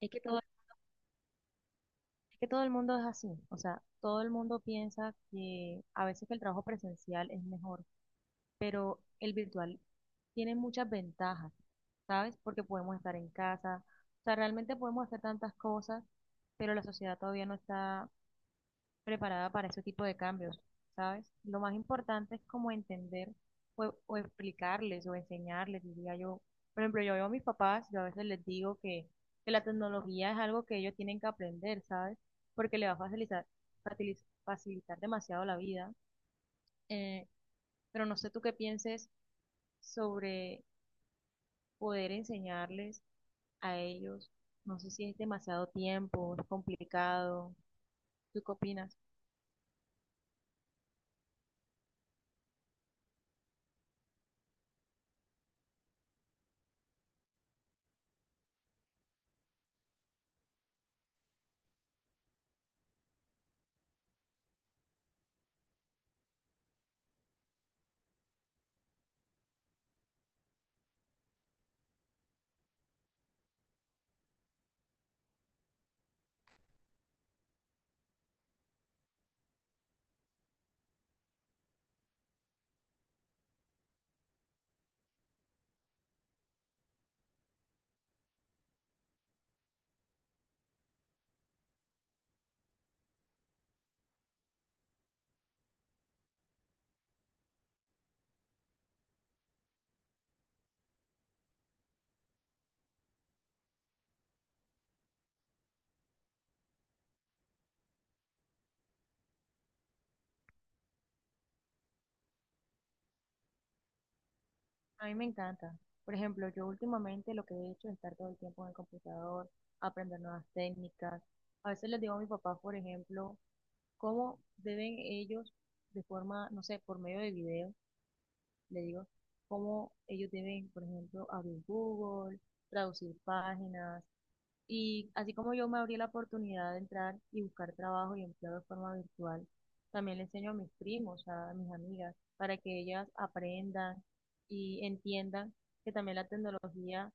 Es que todo el mundo es así, o sea, todo el mundo piensa que a veces que el trabajo presencial es mejor, pero el virtual tiene muchas ventajas, ¿sabes? Porque podemos estar en casa, o sea, realmente podemos hacer tantas cosas, pero la sociedad todavía no está preparada para ese tipo de cambios, ¿sabes? Lo más importante es como entender o explicarles o enseñarles, diría yo. Por ejemplo, yo veo a mis papás, yo a veces les digo que la tecnología es algo que ellos tienen que aprender, ¿sabes? Porque le va a fatili- facilitar demasiado la vida. Eh, pero no sé tú qué pienses sobre poder enseñarles a ellos. No sé si es demasiado tiempo, es complicado. ¿Tú qué opinas? A mí me encanta. Por ejemplo, yo últimamente lo que he hecho es estar todo el tiempo en el computador, aprender nuevas técnicas. A veces les digo a mi papá, por ejemplo, cómo deben ellos, de forma, no sé, por medio de video, le digo, cómo ellos deben, por ejemplo, abrir Google, traducir páginas, y así como yo me abrí la oportunidad de entrar y buscar trabajo y empleo de forma virtual, también le enseño a mis primos, a mis amigas, para que ellas aprendan y entiendan que también la tecnología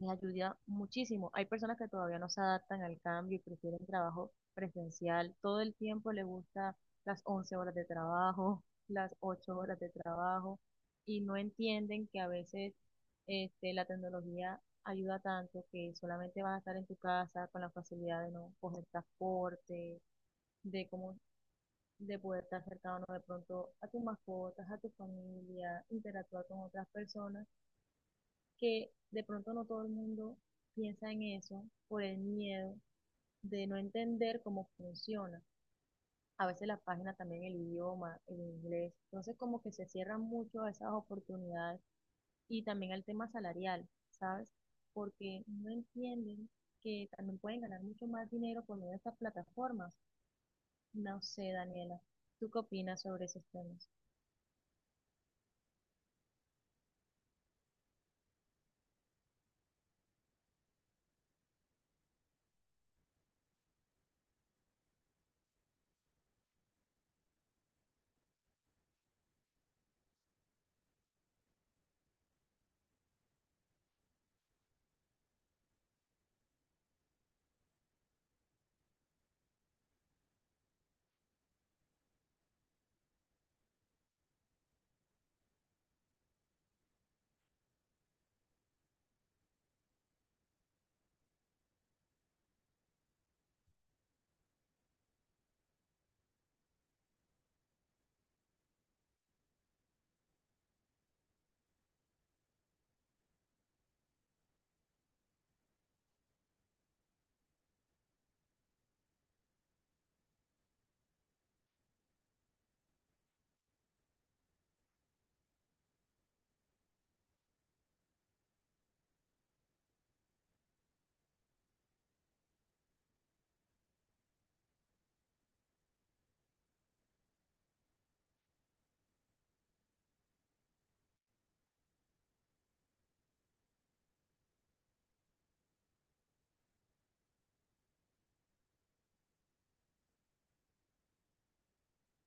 les ayuda muchísimo. Hay personas que todavía no se adaptan al cambio y prefieren trabajo presencial. Todo el tiempo le gusta las 11 horas de trabajo, las 8 horas de trabajo y no entienden que a veces la tecnología ayuda tanto que solamente vas a estar en tu casa con la facilidad de no coger transporte, de cómo de poder estar cercano de pronto a tus mascotas, a tu familia, interactuar con otras personas que de pronto no todo el mundo piensa en eso por el miedo de no entender cómo funciona. A veces la página también el idioma, el inglés. Entonces como que se cierran mucho a esas oportunidades y también al tema salarial, ¿sabes? Porque no entienden que también pueden ganar mucho más dinero por medio de estas plataformas. No sé, Daniela, ¿tú qué opinas sobre esos temas?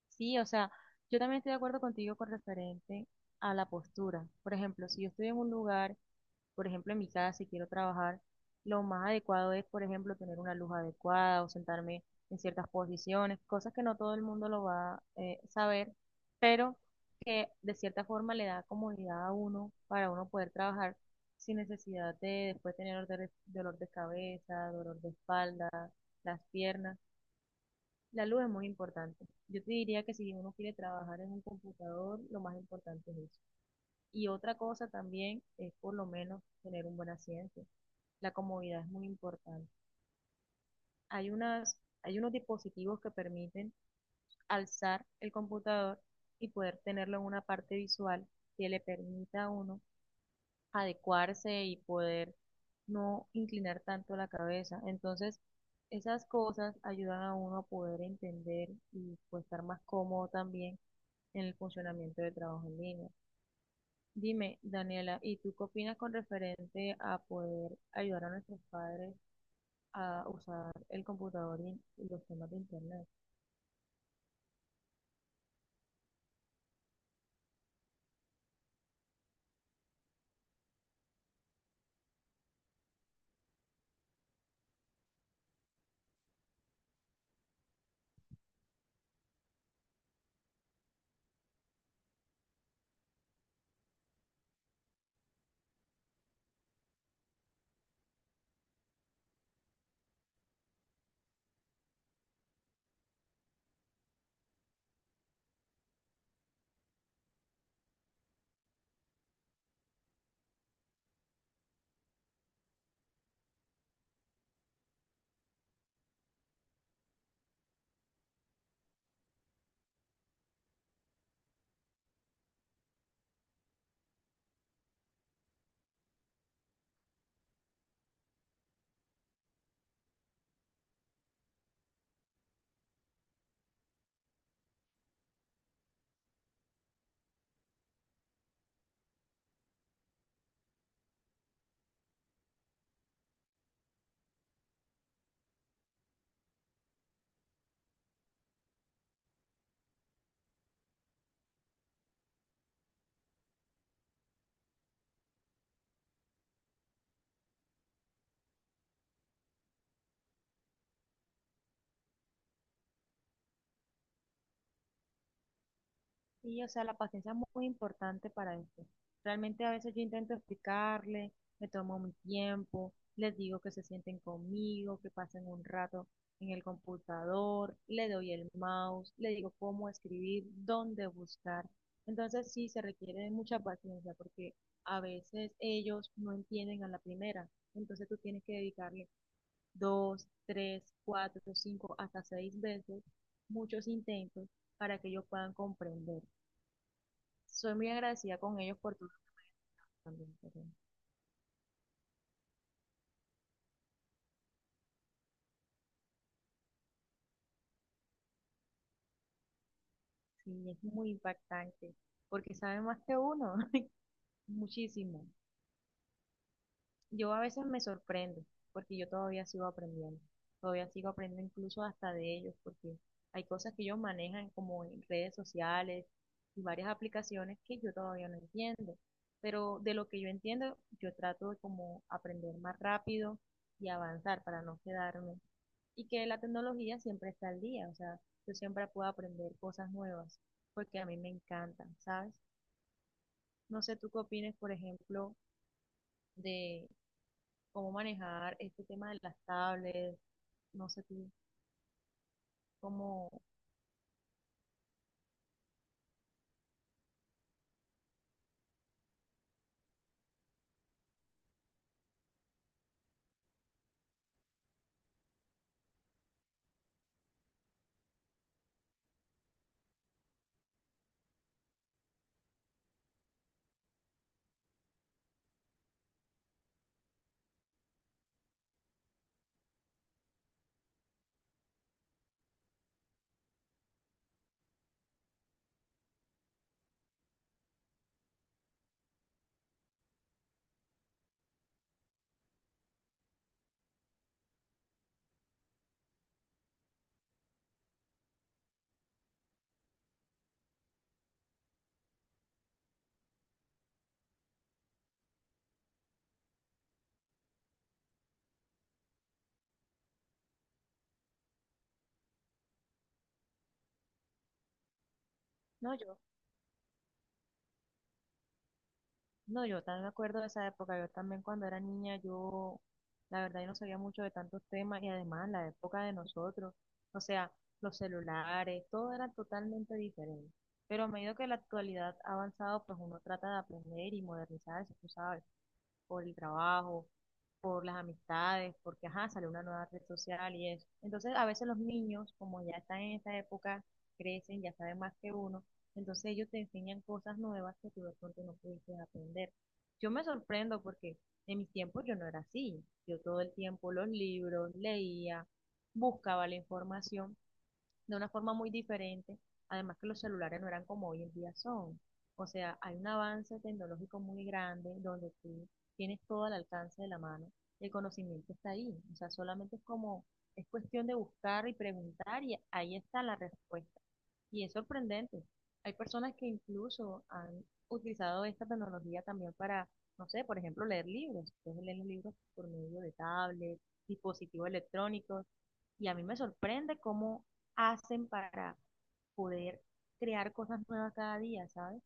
Sí, o sea, yo también estoy de acuerdo contigo con referente a la postura. Por ejemplo, si yo estoy en un lugar por ejemplo, en mi casa, si quiero trabajar, lo más adecuado es, por ejemplo, tener una luz adecuada o sentarme en ciertas posiciones, cosas que no todo el mundo lo va a saber, pero que de cierta forma le da comodidad a uno para uno poder trabajar sin necesidad de después tener dolor de cabeza, dolor de espalda, las piernas. La luz es muy importante. Yo te diría que si uno quiere trabajar en un computador, lo más importante es eso. Y otra cosa también es por lo menos tener un buen asiento. La comodidad es muy importante. Hay unas, hay unos dispositivos que permiten alzar el computador y poder tenerlo en una parte visual que le permita a uno adecuarse y poder no inclinar tanto la cabeza. Entonces, esas cosas ayudan a uno a poder entender y pues, estar más cómodo también en el funcionamiento del trabajo en línea. Dime, Daniela, ¿y tú qué opinas con referente a poder ayudar a nuestros padres a usar el computador y los temas de internet? Y, o sea, la paciencia es muy importante para esto. Realmente a veces yo intento explicarle, me tomo mi tiempo, les digo que se sienten conmigo, que pasen un rato en el computador, le doy el mouse, le digo cómo escribir, dónde buscar. Entonces sí se requiere de mucha paciencia porque a veces ellos no entienden a la primera. Entonces tú tienes que dedicarle dos, tres, cuatro, cinco, hasta seis veces, muchos intentos para que ellos puedan comprender. Soy muy agradecida con ellos por todo lo que me han dado también, pero sí, es muy impactante porque saben más que uno, muchísimo. Yo a veces me sorprendo, porque yo todavía sigo aprendiendo incluso hasta de ellos, porque hay cosas que ellos manejan como en redes sociales y varias aplicaciones que yo todavía no entiendo, pero de lo que yo entiendo, yo trato de como aprender más rápido y avanzar para no quedarme, y que la tecnología siempre está al día, o sea, yo siempre puedo aprender cosas nuevas, porque a mí me encantan, ¿sabes? No sé tú qué opinas, por ejemplo, de cómo manejar este tema de las tablets, no sé tú, cómo, no yo, no, yo también me acuerdo de esa época, yo también cuando era niña, yo, la verdad, yo no sabía mucho de tantos temas y además la época de nosotros, o sea, los celulares, todo era totalmente diferente. Pero a medida que la actualidad ha avanzado, pues uno trata de aprender y modernizarse, tú sabes. Por el trabajo, por las amistades, porque, ajá, sale una nueva red social y eso. Entonces, a veces los niños, como ya están en esa época, crecen, ya saben más que uno, entonces ellos te enseñan cosas nuevas que tú de pronto no pudiste aprender. Yo me sorprendo porque en mis tiempos yo no era así. Yo todo el tiempo los libros, leía, buscaba la información, de una forma muy diferente. Además que los celulares no eran como hoy en día son. O sea, hay un avance tecnológico muy grande donde tú tienes todo al alcance de la mano y el conocimiento está ahí. O sea, solamente es como, es cuestión de buscar y preguntar y ahí está la respuesta. Y es sorprendente. Hay personas que incluso han utilizado esta tecnología también para, no sé, por ejemplo, leer libros. Entonces leen los libros por medio de tablets, dispositivos electrónicos y a mí me sorprende cómo hacen para poder crear cosas nuevas cada día, ¿sabes?